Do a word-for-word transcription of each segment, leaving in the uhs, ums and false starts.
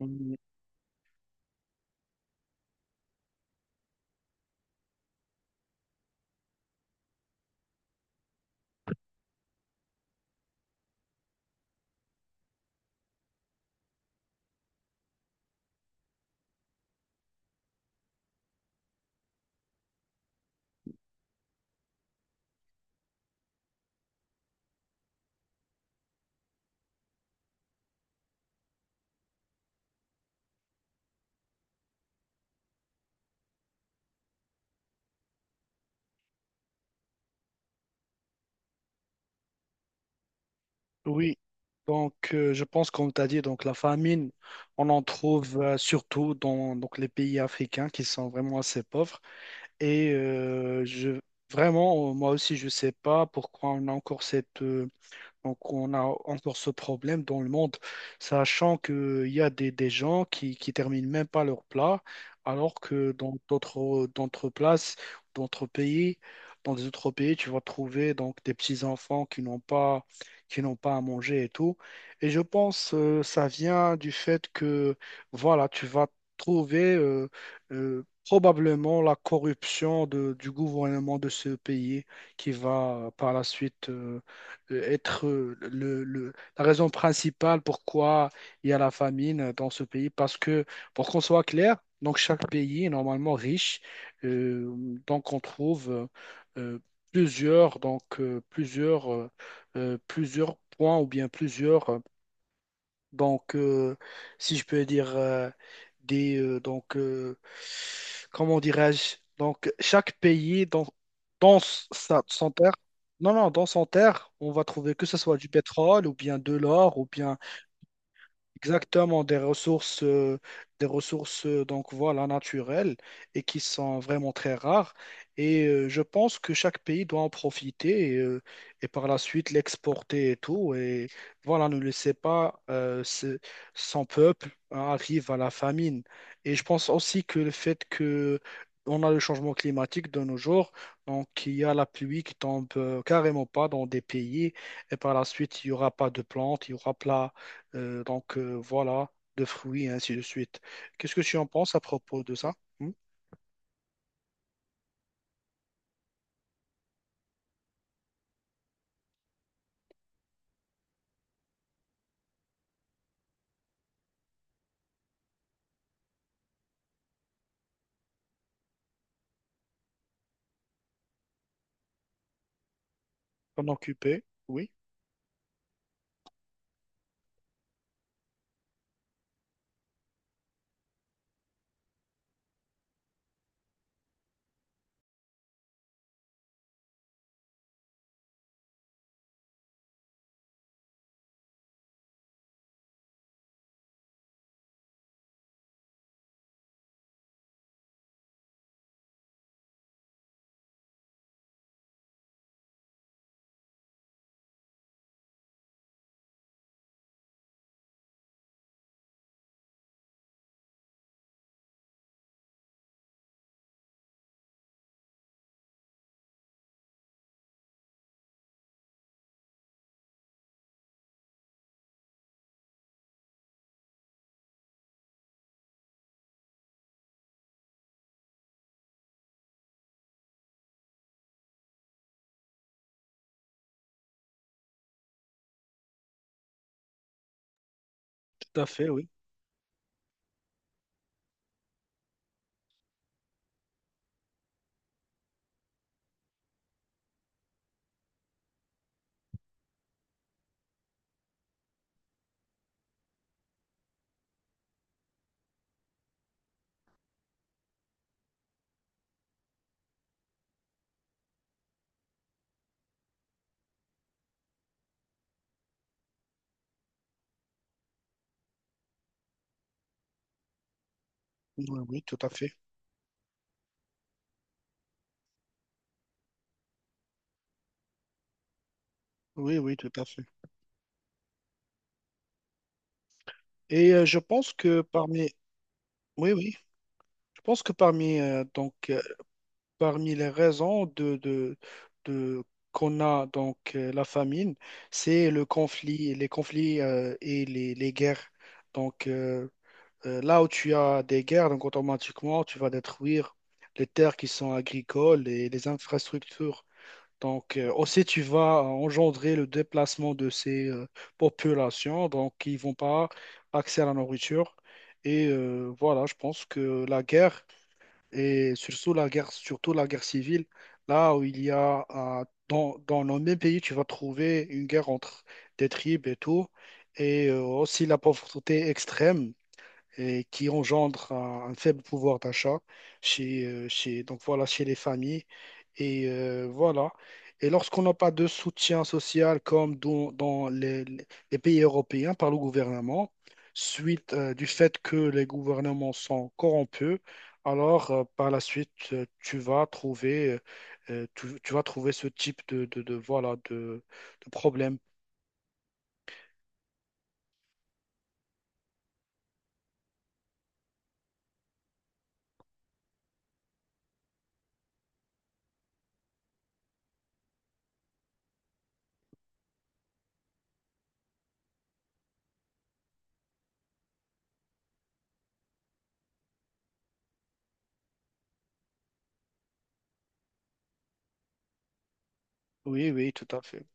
Mm, Oui, donc euh, je pense comme tu as dit, donc la famine, on en trouve euh, surtout dans donc, les pays africains qui sont vraiment assez pauvres. Et euh, je, vraiment, euh, moi aussi, je ne sais pas pourquoi on a encore cette, euh, Donc, on a encore ce problème dans le monde, sachant qu'il y a des, des gens qui, qui terminent même pas leur plat, alors que dans d'autres, d'autres places, d'autres pays, dans des autres pays, tu vas trouver donc des petits enfants qui n'ont pas, qui n'ont pas à manger et tout. Et je pense que ça vient du fait que, voilà, tu vas trouver euh, euh, probablement la corruption de- du gouvernement de ce pays qui va euh, par la suite. Euh, euh, être euh, le, le- la raison principale pourquoi il y a la famine dans ce pays. Parce que, pour qu'on soit clair, donc chaque pays est normalement riche. Euh, donc on trouve euh, euh, plusieurs, donc, euh, plusieurs, euh, euh, plusieurs points ou bien plusieurs euh, donc, euh, si je peux dire euh, des euh, donc euh, comment dirais-je? Donc, chaque pays dans dans sa, son terre, non non dans son terre, on va trouver que ce soit du pétrole ou bien de l'or ou bien. Exactement, des ressources, euh, des ressources euh, donc voilà, naturelles et qui sont vraiment très rares. Et euh, je pense que chaque pays doit en profiter et, euh, et par la suite l'exporter et tout. Et voilà, ne laissez pas euh, ce- son peuple hein, arrive à la famine. Et je pense aussi que le fait que on a le changement climatique de nos jours, donc il y a la pluie qui tombe euh, carrément pas dans des pays et par la suite il n'y aura pas de plantes, il y aura pas euh, donc euh, voilà, de fruits, et ainsi de suite. Qu'est-ce que tu en penses à propos de ça? Hmm. T'en occuper? Oui, tout à fait, oui. Oui, oui, tout à fait. Oui, oui, tout à fait. Et euh, je pense que parmi. Oui, oui. Je pense que parmi, euh, donc, euh, parmi les raisons de, de, de- qu'on a donc euh, la famine, c'est le conflit, les conflits euh, et les, les guerres. Donc euh, euh, là où tu as des guerres, donc automatiquement tu vas détruire les terres qui sont agricoles et les infrastructures. Donc euh, aussi tu vas engendrer le déplacement de ces euh, populations, donc ils vont pas accès à la nourriture. Et euh, voilà, je pense que la guerre et surtout la guerre, surtout la guerre civile, là où il y a, euh, dans, dans nos mêmes pays, tu vas trouver une guerre entre des tribus et tout, et euh, aussi la pauvreté extrême et qui engendre un, un faible pouvoir d'achat chez, euh, chez, donc voilà, chez les familles. Et euh, voilà. Et lorsqu'on n'a pas de soutien social comme dans, dans les, les pays européens par le gouvernement, suite euh, du fait que les gouvernements sont corrompus, alors euh, par la suite, euh, tu vas trouver, euh, euh, tu, tu vas trouver ce type de, de, de- voilà, de, de problème. Oui, oui, tout à fait.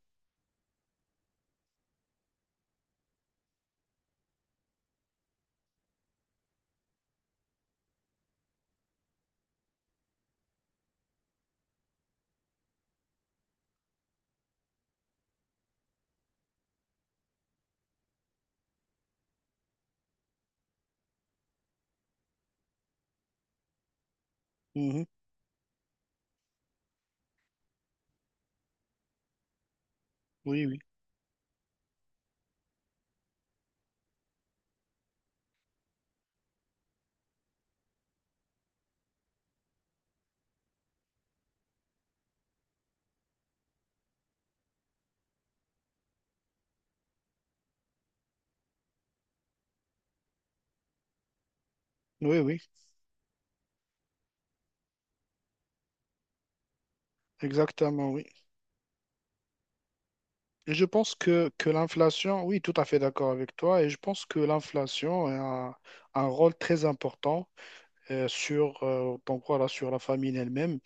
Mhm. Oui, oui, oui, oui, exactement, oui. Et je pense que, que l'inflation, oui, tout à fait d'accord avec toi, et je pense que l'inflation a un, un rôle très important euh, sur, euh, donc voilà, sur la famine elle-même.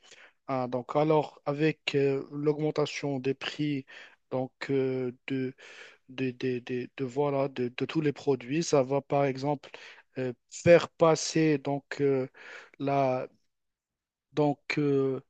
Ah, donc, alors, avec euh, l'augmentation des prix donc, euh, de, de, de, de- de- voilà, de, de tous les produits, ça va par exemple euh, faire passer donc, euh, donc, euh,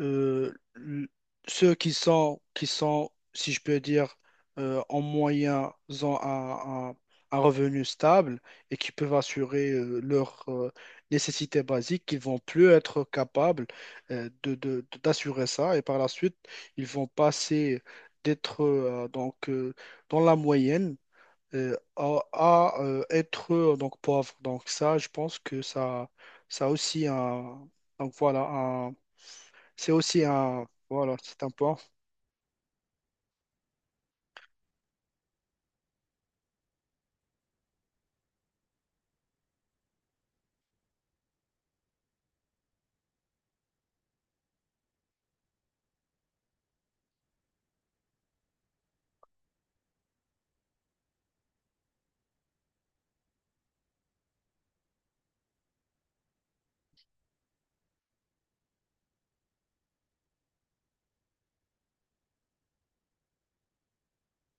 euh, l- ceux qui sont, qui sont, si je peux dire, euh, en moyen, ont un, un- un revenu stable et qui peuvent assurer euh, leurs euh, nécessités basiques, ils vont plus être capables euh, de, de- de- d'assurer ça et par la suite, ils vont passer d'être euh, donc euh, dans la moyenne euh, à, à, euh, être euh, donc pauvre. Donc ça, je pense que ça, ça a aussi un, donc voilà, un, c'est aussi un, voilà, c'est un point.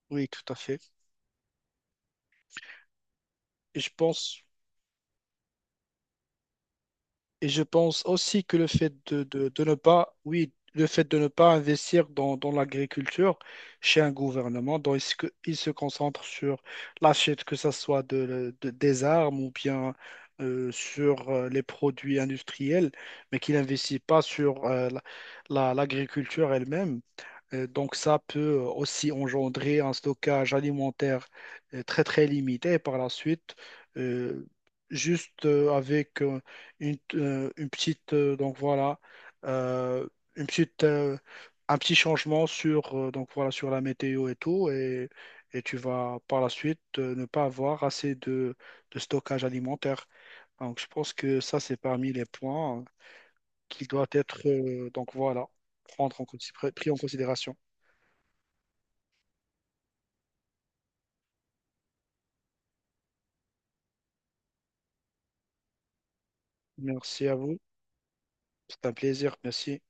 Oui, tout à fait. Et je pense. Et je pense aussi que le fait de, de- de ne pas, oui, le fait de ne pas investir dans, dans l'agriculture chez un gouvernement, dont il se, il se concentre sur l'achète, que ce soit de, de- des armes ou bien euh, sur euh, les produits industriels, mais qu'il n'investit pas sur euh, la- la- l'agriculture elle-même, euh, donc ça peut euh, aussi engendrer un stockage alimentaire euh, très très limité. Et par la suite, euh, juste euh, avec euh, une, euh, une petite euh, donc voilà euh, une petite euh, un petit changement sur euh, donc voilà sur la météo et tout et, et tu vas par la suite euh, ne pas avoir assez de, de stockage alimentaire. Donc je pense que ça c'est parmi les points euh, qui doivent être euh, donc voilà prendre en consi- pris en considération. Merci à vous. C'est un plaisir. Merci.